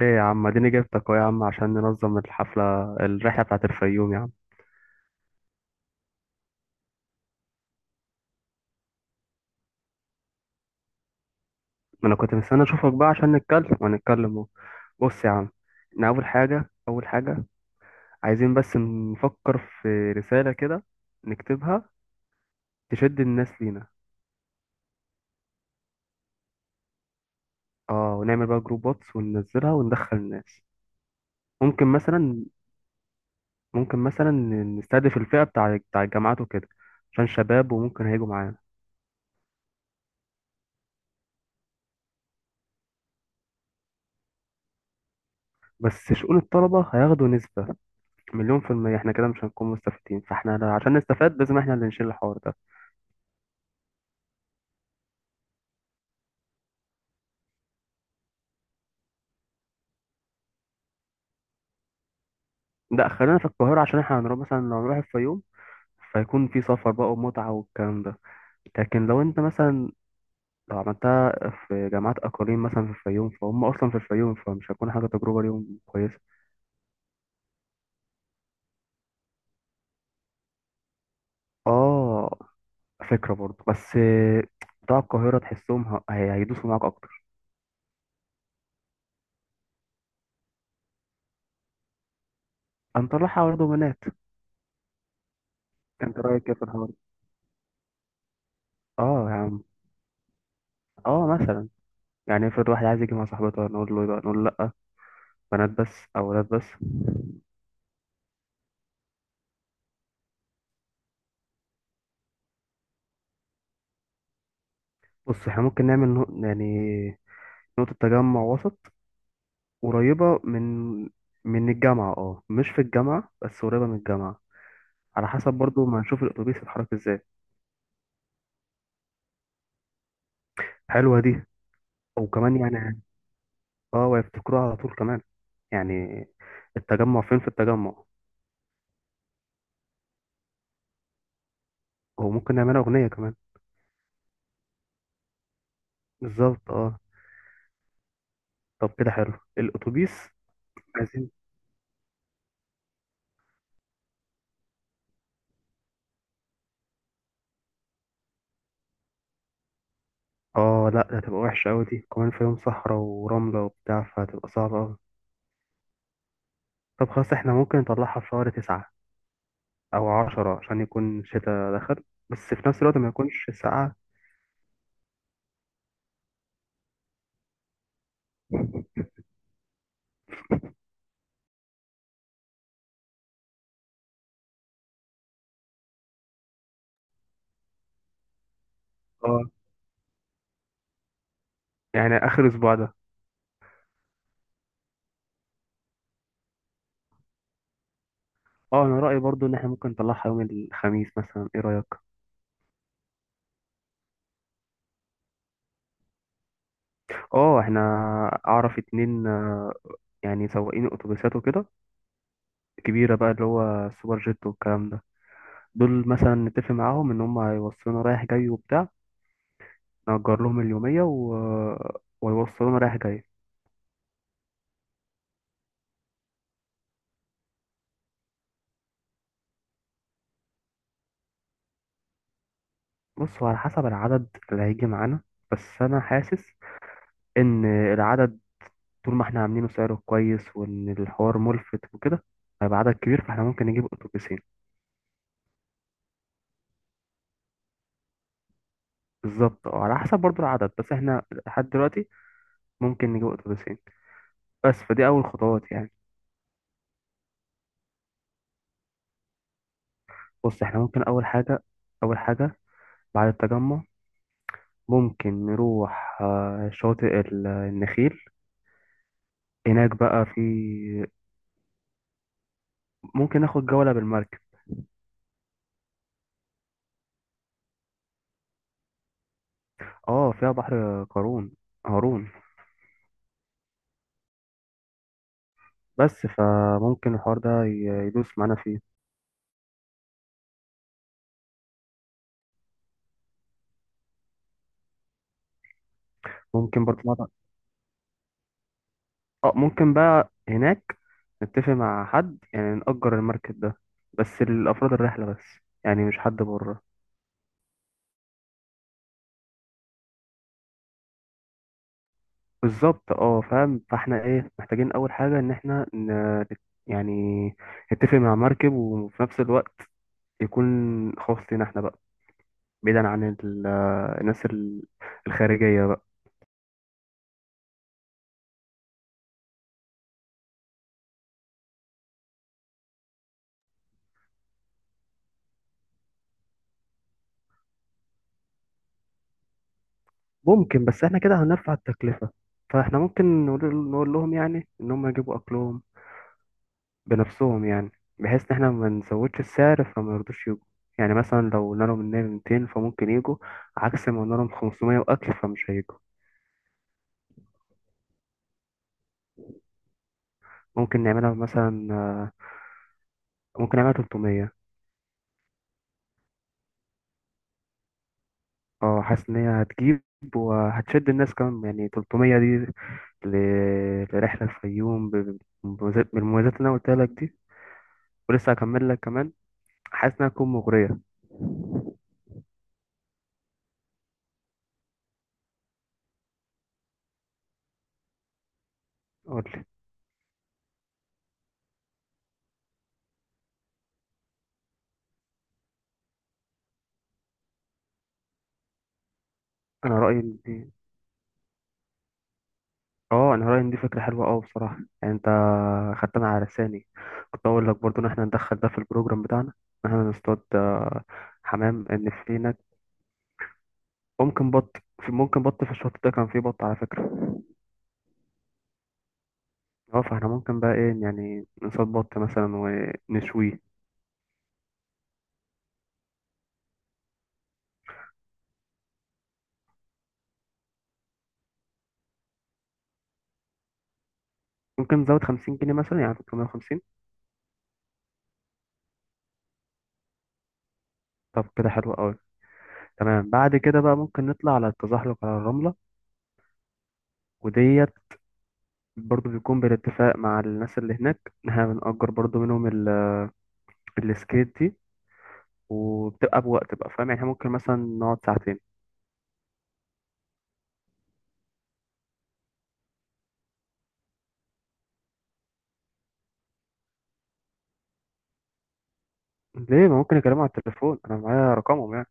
ايه يا عم، اديني جبتك اهو يا عم، عشان ننظم الرحلة بتاعت الفيوم يا عم. ما انا كنت مستني اشوفك بقى عشان نتكلم ونتكلم اهو. بص يا عم، احنا اول حاجة عايزين بس نفكر في رسالة كده نكتبها، تشد الناس لينا. اه، ونعمل بقى جروب واتس وننزلها وندخل الناس. ممكن مثلا ممكن مثلا نستهدف الفئة بتاع الجامعات وكده، عشان شباب وممكن هيجوا معانا. بس شؤون الطلبة هياخدوا نسبة مليون في المية، احنا كده مش هنكون مستفيدين، فاحنا عشان نستفاد لازم احنا اللي نشيل الحوار ده. لا، خلينا في القاهرة عشان احنا هنروح مثلا، لو هنروح الفيوم فيكون في سفر بقى ومتعة والكلام ده. لكن لو انت مثلا لو عملتها في جامعات أقاليم مثلا في الفيوم، فهم أصلا في الفيوم، فمش هتكون حاجة تجربة ليهم كويسة. اه، فكرة برضه، بس بتوع القاهرة تحسهم هيدوسوا معاك أكتر. هنطلعها برضه بنات. انت رأيك ايه في الحوار ده؟ اه يا عم. اه مثلا، يعني افرض واحد عايز يجي مع صاحبته نقول له لا، بنات بس او ولاد بس. بص، احنا ممكن نعمل يعني نقطة تجمع وسط، قريبة من الجامعة. اه، مش في الجامعة بس قريبة من الجامعة، على حسب برضو ما نشوف الأتوبيس يتحرك ازاي. حلوة دي، وكمان يعني اه ويفتكروها على طول كمان، يعني التجمع فين؟ في التجمع. وممكن نعملها أغنية كمان. بالظبط اه. طب كده حلو الأتوبيس. عايزين. اه، لا ده هتبقى وحشة أوي دي، كمان في يوم صحراء ورملة وبتاع، فهتبقى صعبة أوي. طب خلاص، احنا ممكن نطلعها في شهر تسعة أو عشرة عشان يكون الشتاء دخل، بس في نفس الوقت ما يكونش ساقعة. اه، يعني آخر أسبوع ده. اه، أنا رأيي برضو إن احنا ممكن نطلعها يوم الخميس مثلا، ايه رأيك؟ اه احنا أعرف اتنين، يعني سواقين أتوبيسات وكده كبيرة بقى، اللي هو سوبر جيت والكلام ده. دول مثلا نتفق معاهم إن هم هيوصلونا رايح جاي وبتاع، نأجر لهم اليومية ويوصلونا رايح جاي. بص، هو على حسب العدد اللي هيجي معانا، بس أنا حاسس إن العدد، طول ما احنا عاملينه سعره كويس وان الحوار ملفت وكده، هيبقى عدد كبير فاحنا ممكن نجيب اتوبيسين. بالظبط اه، على حسب برضو العدد، بس احنا لحد دلوقتي ممكن نجيب اتوبيسين، بس فدي اول خطوات يعني. بص، احنا ممكن اول حاجة بعد التجمع، ممكن نروح شاطئ النخيل. هناك بقى في، ممكن ناخد جولة بالمركب. اه، فيها بحر قارون، هارون. بس فممكن الحوار ده يدوس معانا فيه. ممكن برضو. اه، ممكن بقى هناك نتفق مع حد يعني نأجر المركب ده بس لأفراد الرحلة بس، يعني مش حد بره. بالظبط اه، فاهم، فاحنا ايه محتاجين؟ أول حاجة إن احنا يعني نتفق مع مركب، وفي نفس الوقت يكون خاص لينا احنا بقى، بعيدا عن الناس الخارجية بقى. ممكن، بس احنا كده هنرفع التكلفة، فاحنا ممكن نقول لهم يعني إن هم يجيبوا أكلهم بنفسهم يعني، بحيث ان احنا ما نزودش السعر فما يرضوش يجوا. يعني مثلا لو قلنا لهم ان هي 200، فممكن يجوا. عكس ما قلنا لهم 500 واكل فمش هيجوا. ممكن نعملها مثلا ممكن نعملها 300. اه، حاسس ان هي هتجيب وهتشد الناس كمان، يعني 300 دي لرحلة الفيوم بالمميزات اللي انا قلتها لك دي، ولسه هكمل لك كمان. حاسس انها تكون مغرية. قول لي. انا رأيي، اه انا رايي ان دي فكره حلوه قوي بصراحه، يعني انت خدتنا على لساني، كنت اقول لك برضو ان احنا ندخل ده في البروجرام بتاعنا، ان احنا نصطاد حمام، ان في هناك ممكن بط. في ممكن بط في الشط ده كان فيه بط على فكره. اه فاحنا ممكن بقى ايه، يعني نصطاد بط مثلا ونشويه. ممكن نزود 50 جنيه مثلا، يعني 350. طب كده حلو قوي. تمام، بعد كده بقى ممكن نطلع على التزحلق على الرمله وديت، برضو بيكون بالاتفاق مع الناس اللي هناك ان احنا بنأجر برضو منهم السكيت دي، وبتبقى بوقت بقى فاهم، يعني إحنا ممكن مثلا نقعد ساعتين. ليه؟ ما ممكن اكلمه على التليفون، انا معايا رقمهم يعني.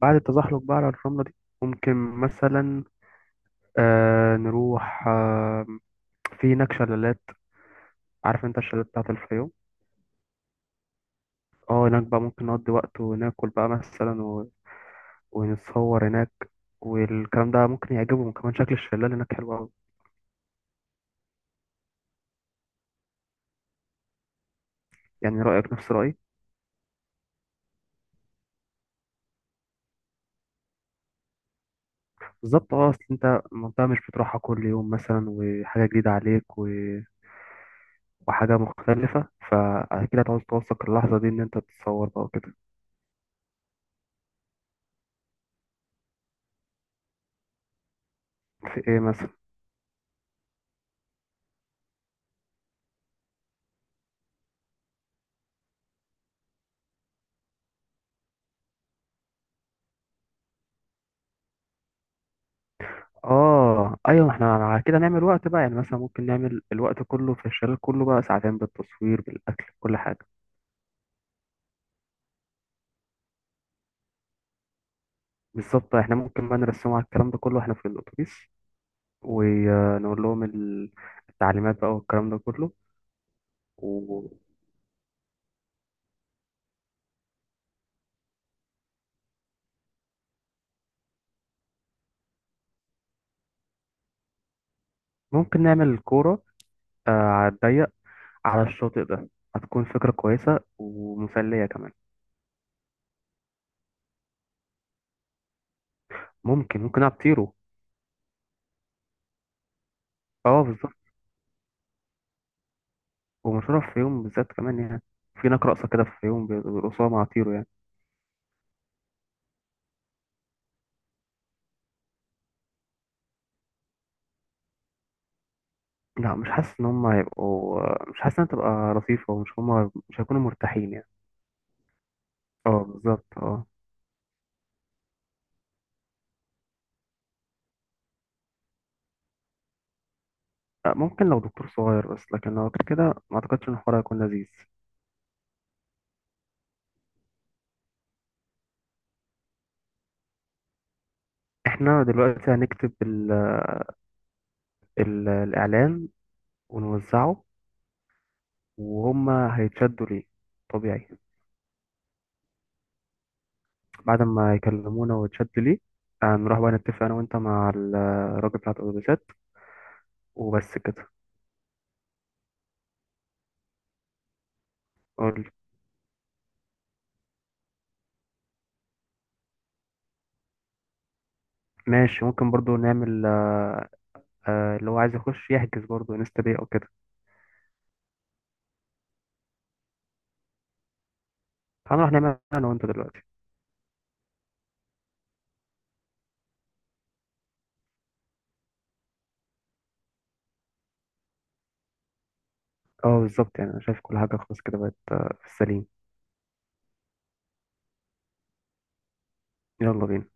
بعد التزحلق بقى على الرملة دي، ممكن مثلا نروح في هناك شلالات، عارف انت الشلالات بتاعت الفيوم. اه، هناك بقى ممكن نقضي وقت وناكل بقى مثلا ونتصور هناك، والكلام ده ممكن يعجبهم كمان، شكل الشلال هناك حلو قوي. يعني رأيك نفس رأيي. بالظبط اه، اصل انت المنطقة مش بتروحها كل يوم مثلا، وحاجة جديدة عليك وحاجة مختلفة، فأكيد هتعوز توثق اللحظة دي إن أنت تتصور بقى وكده. في إيه مثلا؟ آه أيوة، ما إحنا على كده نعمل وقت بقى، يعني مثلا ممكن نعمل الوقت كله في الشلال كله بقى ساعتين، بالتصوير بالأكل كل حاجة. بالظبط، إحنا ممكن بقى نرسمه على الكلام ده كله، إحنا في الأتوبيس ونقول لهم التعليمات بقى والكلام ده كله. وممكن نعمل كورة، على الضيق، على الشاطئ ده، هتكون فكرة كويسة ومسلية كمان. ممكن أطيره. اه بالظبط، ومشهورة في يوم بالذات كمان، يعني في هناك رقصة كده، في يوم بيرقصوها مع طيرو يعني. لا مش حاسس إن هما هيبقوا، مش حاسس إنها تبقى لطيفة، ومش هما مش هيكونوا مرتاحين يعني. اه بالظبط اه. ممكن لو دكتور صغير بس، لكن لو غير كده ما أعتقدش إن الحوار هيكون لذيذ. إحنا دلوقتي هنكتب الإعلان ونوزعه، وهما هيتشدوا ليه طبيعي. بعد ما يكلمونا ويتشدوا ليه، نروح بقى نتفق أنا وأنت مع الراجل بتاع الأوتوبيسات وبس كده. قول. ماشي، ممكن برضو نعمل، لو عايز يخش يحجز برضو انستا باي او كده. هنروح نعمل انا وانت دلوقتي. اه بالظبط، يعني انا شايف كل حاجه خلاص كده بقت، في السليم. يلا بينا